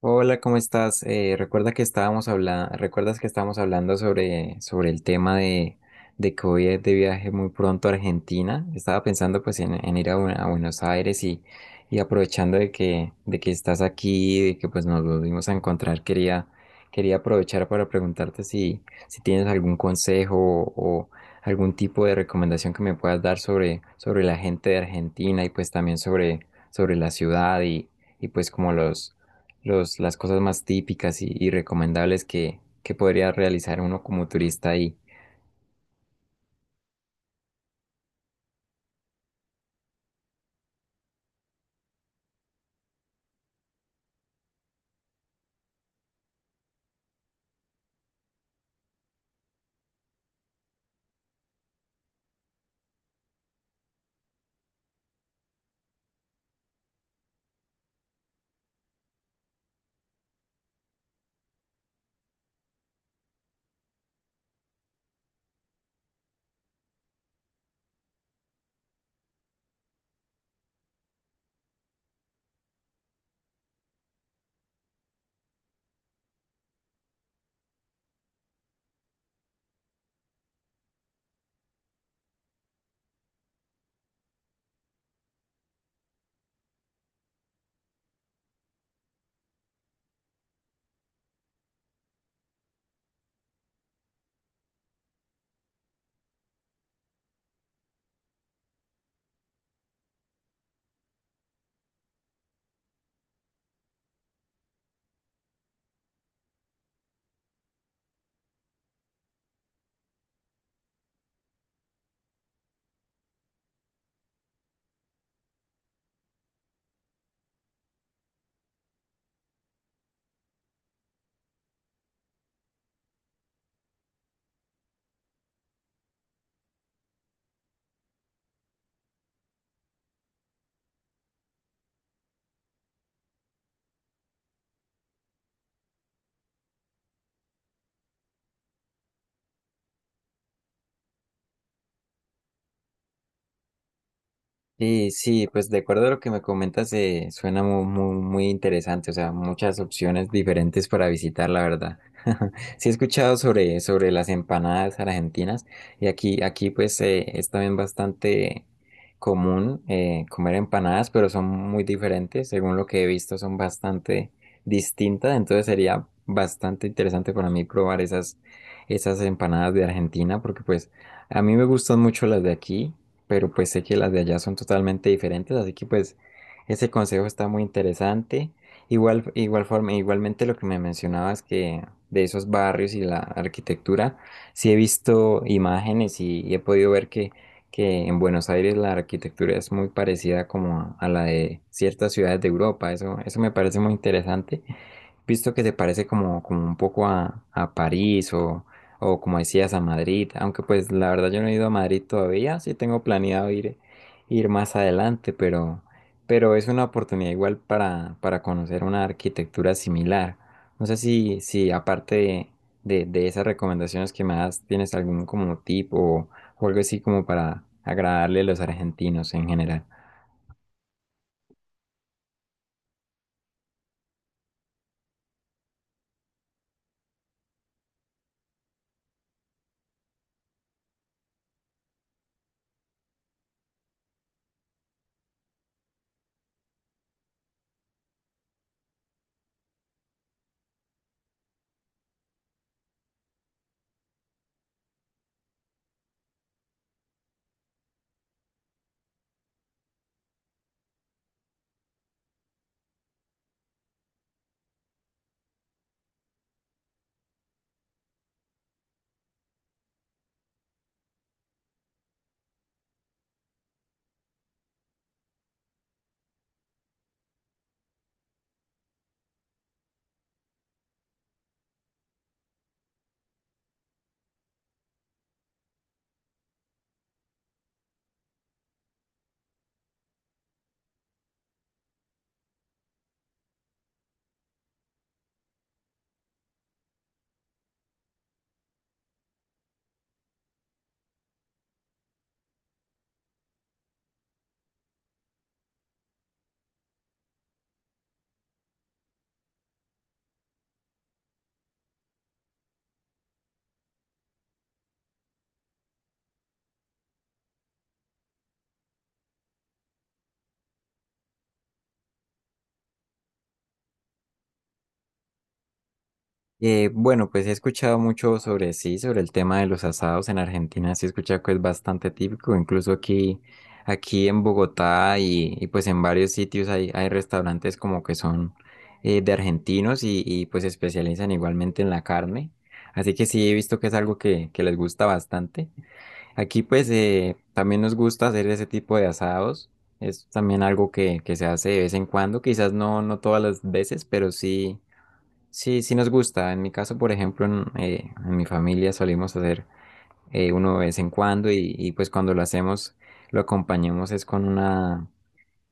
Hola, ¿cómo estás? Recuerda que ¿recuerdas que estábamos hablando sobre el tema de que voy a ir de viaje muy pronto a Argentina? Estaba pensando pues en ir a Buenos Aires y aprovechando de que estás aquí, de que pues nos volvimos a encontrar, quería aprovechar para preguntarte si, si tienes algún consejo o algún tipo de recomendación que me puedas dar sobre la gente de Argentina y pues también sobre la ciudad y pues como las cosas más típicas y recomendables que podría realizar uno como turista ahí. Sí, sí, pues de acuerdo a lo que me comentas, suena muy interesante, o sea, muchas opciones diferentes para visitar, la verdad. Sí he escuchado sobre las empanadas argentinas y aquí pues es también bastante común comer empanadas, pero son muy diferentes, según lo que he visto, son bastante distintas, entonces sería bastante interesante para mí probar esas empanadas de Argentina, porque pues a mí me gustan mucho las de aquí, pero pues sé que las de allá son totalmente diferentes, así que pues ese consejo está muy interesante. Igual, igual forma, igualmente lo que me mencionabas que de esos barrios y la arquitectura, sí he visto imágenes y he podido ver que en Buenos Aires la arquitectura es muy parecida como a la de ciertas ciudades de Europa. Eso me parece muy interesante visto que se parece como, como un poco a París o como decías a Madrid, aunque pues la verdad yo no he ido a Madrid todavía, sí tengo planeado ir, ir más adelante, pero es una oportunidad igual para conocer una arquitectura similar. No sé si, si aparte de esas recomendaciones que me das, tienes algún como tip o algo así como para agradarle a los argentinos en general. Bueno, pues he escuchado mucho sobre sí, sobre el tema de los asados en Argentina, sí he escuchado que es bastante típico, incluso aquí en Bogotá y pues en varios sitios hay restaurantes como que son de argentinos y pues se especializan igualmente en la carne, así que sí he visto que es algo que les gusta bastante. Aquí pues también nos gusta hacer ese tipo de asados, es también algo que se hace de vez en cuando, quizás no, no todas las veces, pero sí. Sí, sí nos gusta. En mi caso, por ejemplo, en mi familia solimos hacer uno de vez en cuando y, pues cuando lo hacemos lo acompañamos es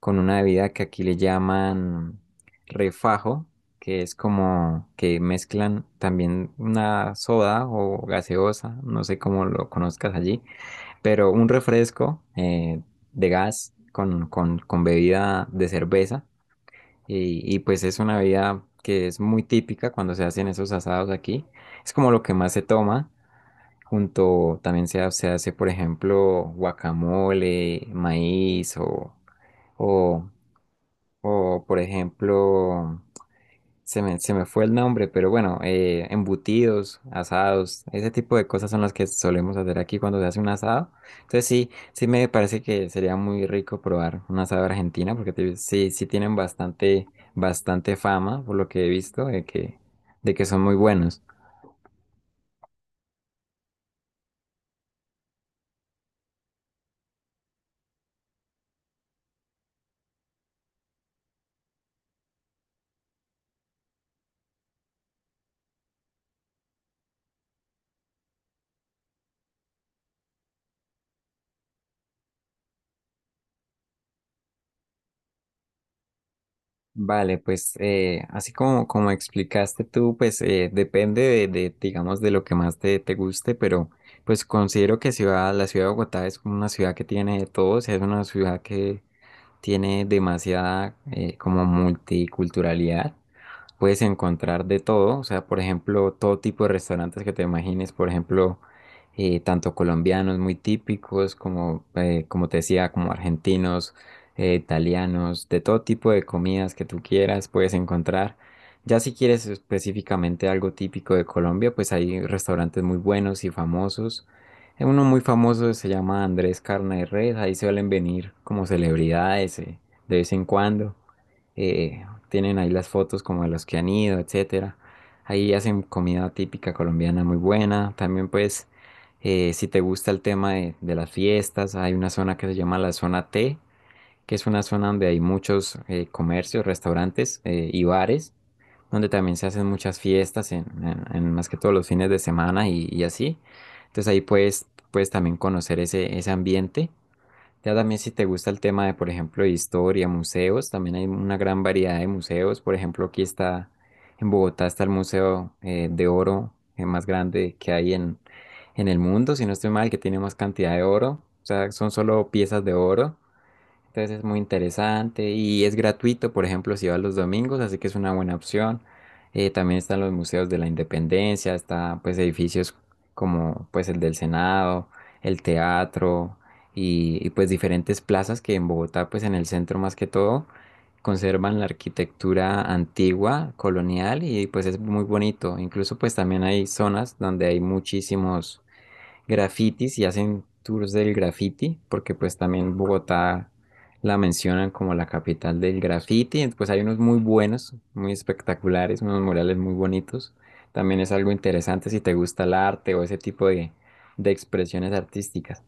con una bebida que aquí le llaman refajo, que es como que mezclan también una soda o gaseosa, no sé cómo lo conozcas allí, pero un refresco de gas con bebida de cerveza y, pues es una bebida que es muy típica cuando se hacen esos asados aquí. Es como lo que más se toma. Junto también se hace, por ejemplo, guacamole, maíz o, o, por ejemplo, se me fue el nombre, pero bueno, embutidos, asados, ese tipo de cosas son las que solemos hacer aquí cuando se hace un asado. Entonces sí, sí me parece que sería muy rico probar un asado de Argentina, porque sí, sí tienen bastante fama, por lo que he visto, de que son muy buenos. Vale, pues así como, como explicaste tú, pues depende digamos, de lo que más te, te guste, pero pues considero la ciudad de Bogotá es una ciudad que tiene de todo, o sea, es una ciudad que tiene demasiada como multiculturalidad, puedes encontrar de todo, o sea, por ejemplo, todo tipo de restaurantes que te imagines, por ejemplo, tanto colombianos muy típicos como, como te decía, como argentinos, italianos, de todo tipo de comidas que tú quieras puedes encontrar. Ya si quieres específicamente algo típico de Colombia, pues hay restaurantes muy buenos y famosos. Uno muy famoso se llama Andrés Carne de Res, ahí suelen venir como celebridades de vez en cuando. Eh, Tienen ahí las fotos como de los que han ido, etcétera. Ahí hacen comida típica colombiana muy buena. También pues, si te gusta el tema de las fiestas, hay una zona que se llama la zona T, que es una zona donde hay muchos comercios, restaurantes y bares, donde también se hacen muchas fiestas, en más que todos los fines de semana y así. Entonces ahí puedes, puedes también conocer ese ambiente. Ya también si te gusta el tema de, por ejemplo, de historia, museos, también hay una gran variedad de museos. Por ejemplo, aquí está, en Bogotá está el Museo de Oro más grande que hay en el mundo, si no estoy mal, que tiene más cantidad de oro. O sea, son solo piezas de oro. Entonces es muy interesante y es gratuito, por ejemplo, si vas los domingos, así que es una buena opción. También están los museos de la Independencia, está pues edificios como pues el del Senado, el teatro y, pues diferentes plazas que en Bogotá, pues en el centro más que todo, conservan la arquitectura antigua, colonial y pues es muy bonito. Incluso pues también hay zonas donde hay muchísimos grafitis y hacen tours del graffiti, porque pues también Bogotá la mencionan como la capital del graffiti, pues hay unos muy buenos, muy espectaculares, unos murales muy bonitos. También es algo interesante si te gusta el arte o ese tipo de expresiones artísticas.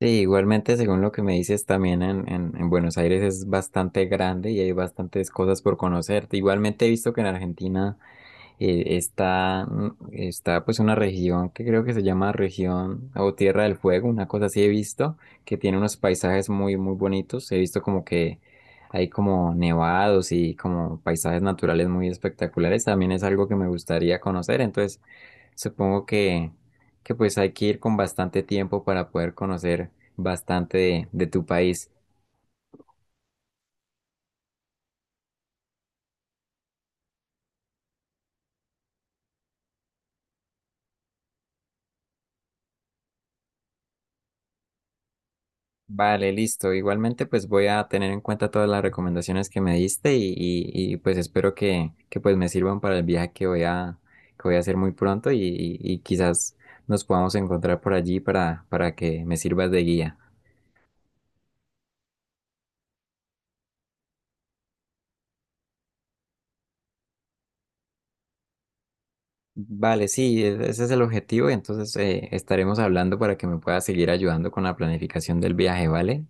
Sí, igualmente, según lo que me dices, también en Buenos Aires es bastante grande y hay bastantes cosas por conocer. Igualmente he visto que en Argentina está, está pues una región que creo que se llama región o Tierra del Fuego, una cosa así he visto, que tiene unos paisajes muy, muy bonitos. He visto como que hay como nevados y como paisajes naturales muy espectaculares. También es algo que me gustaría conocer. Entonces, supongo que pues hay que ir con bastante tiempo para poder conocer bastante de tu país. Vale, listo. Igualmente, pues voy a tener en cuenta todas las recomendaciones que me diste y, pues espero que pues me sirvan para el viaje que voy que voy a hacer muy pronto y quizás nos podamos encontrar por allí para que me sirvas de guía. Vale, sí, ese es el objetivo y entonces estaremos hablando para que me puedas seguir ayudando con la planificación del viaje, ¿vale?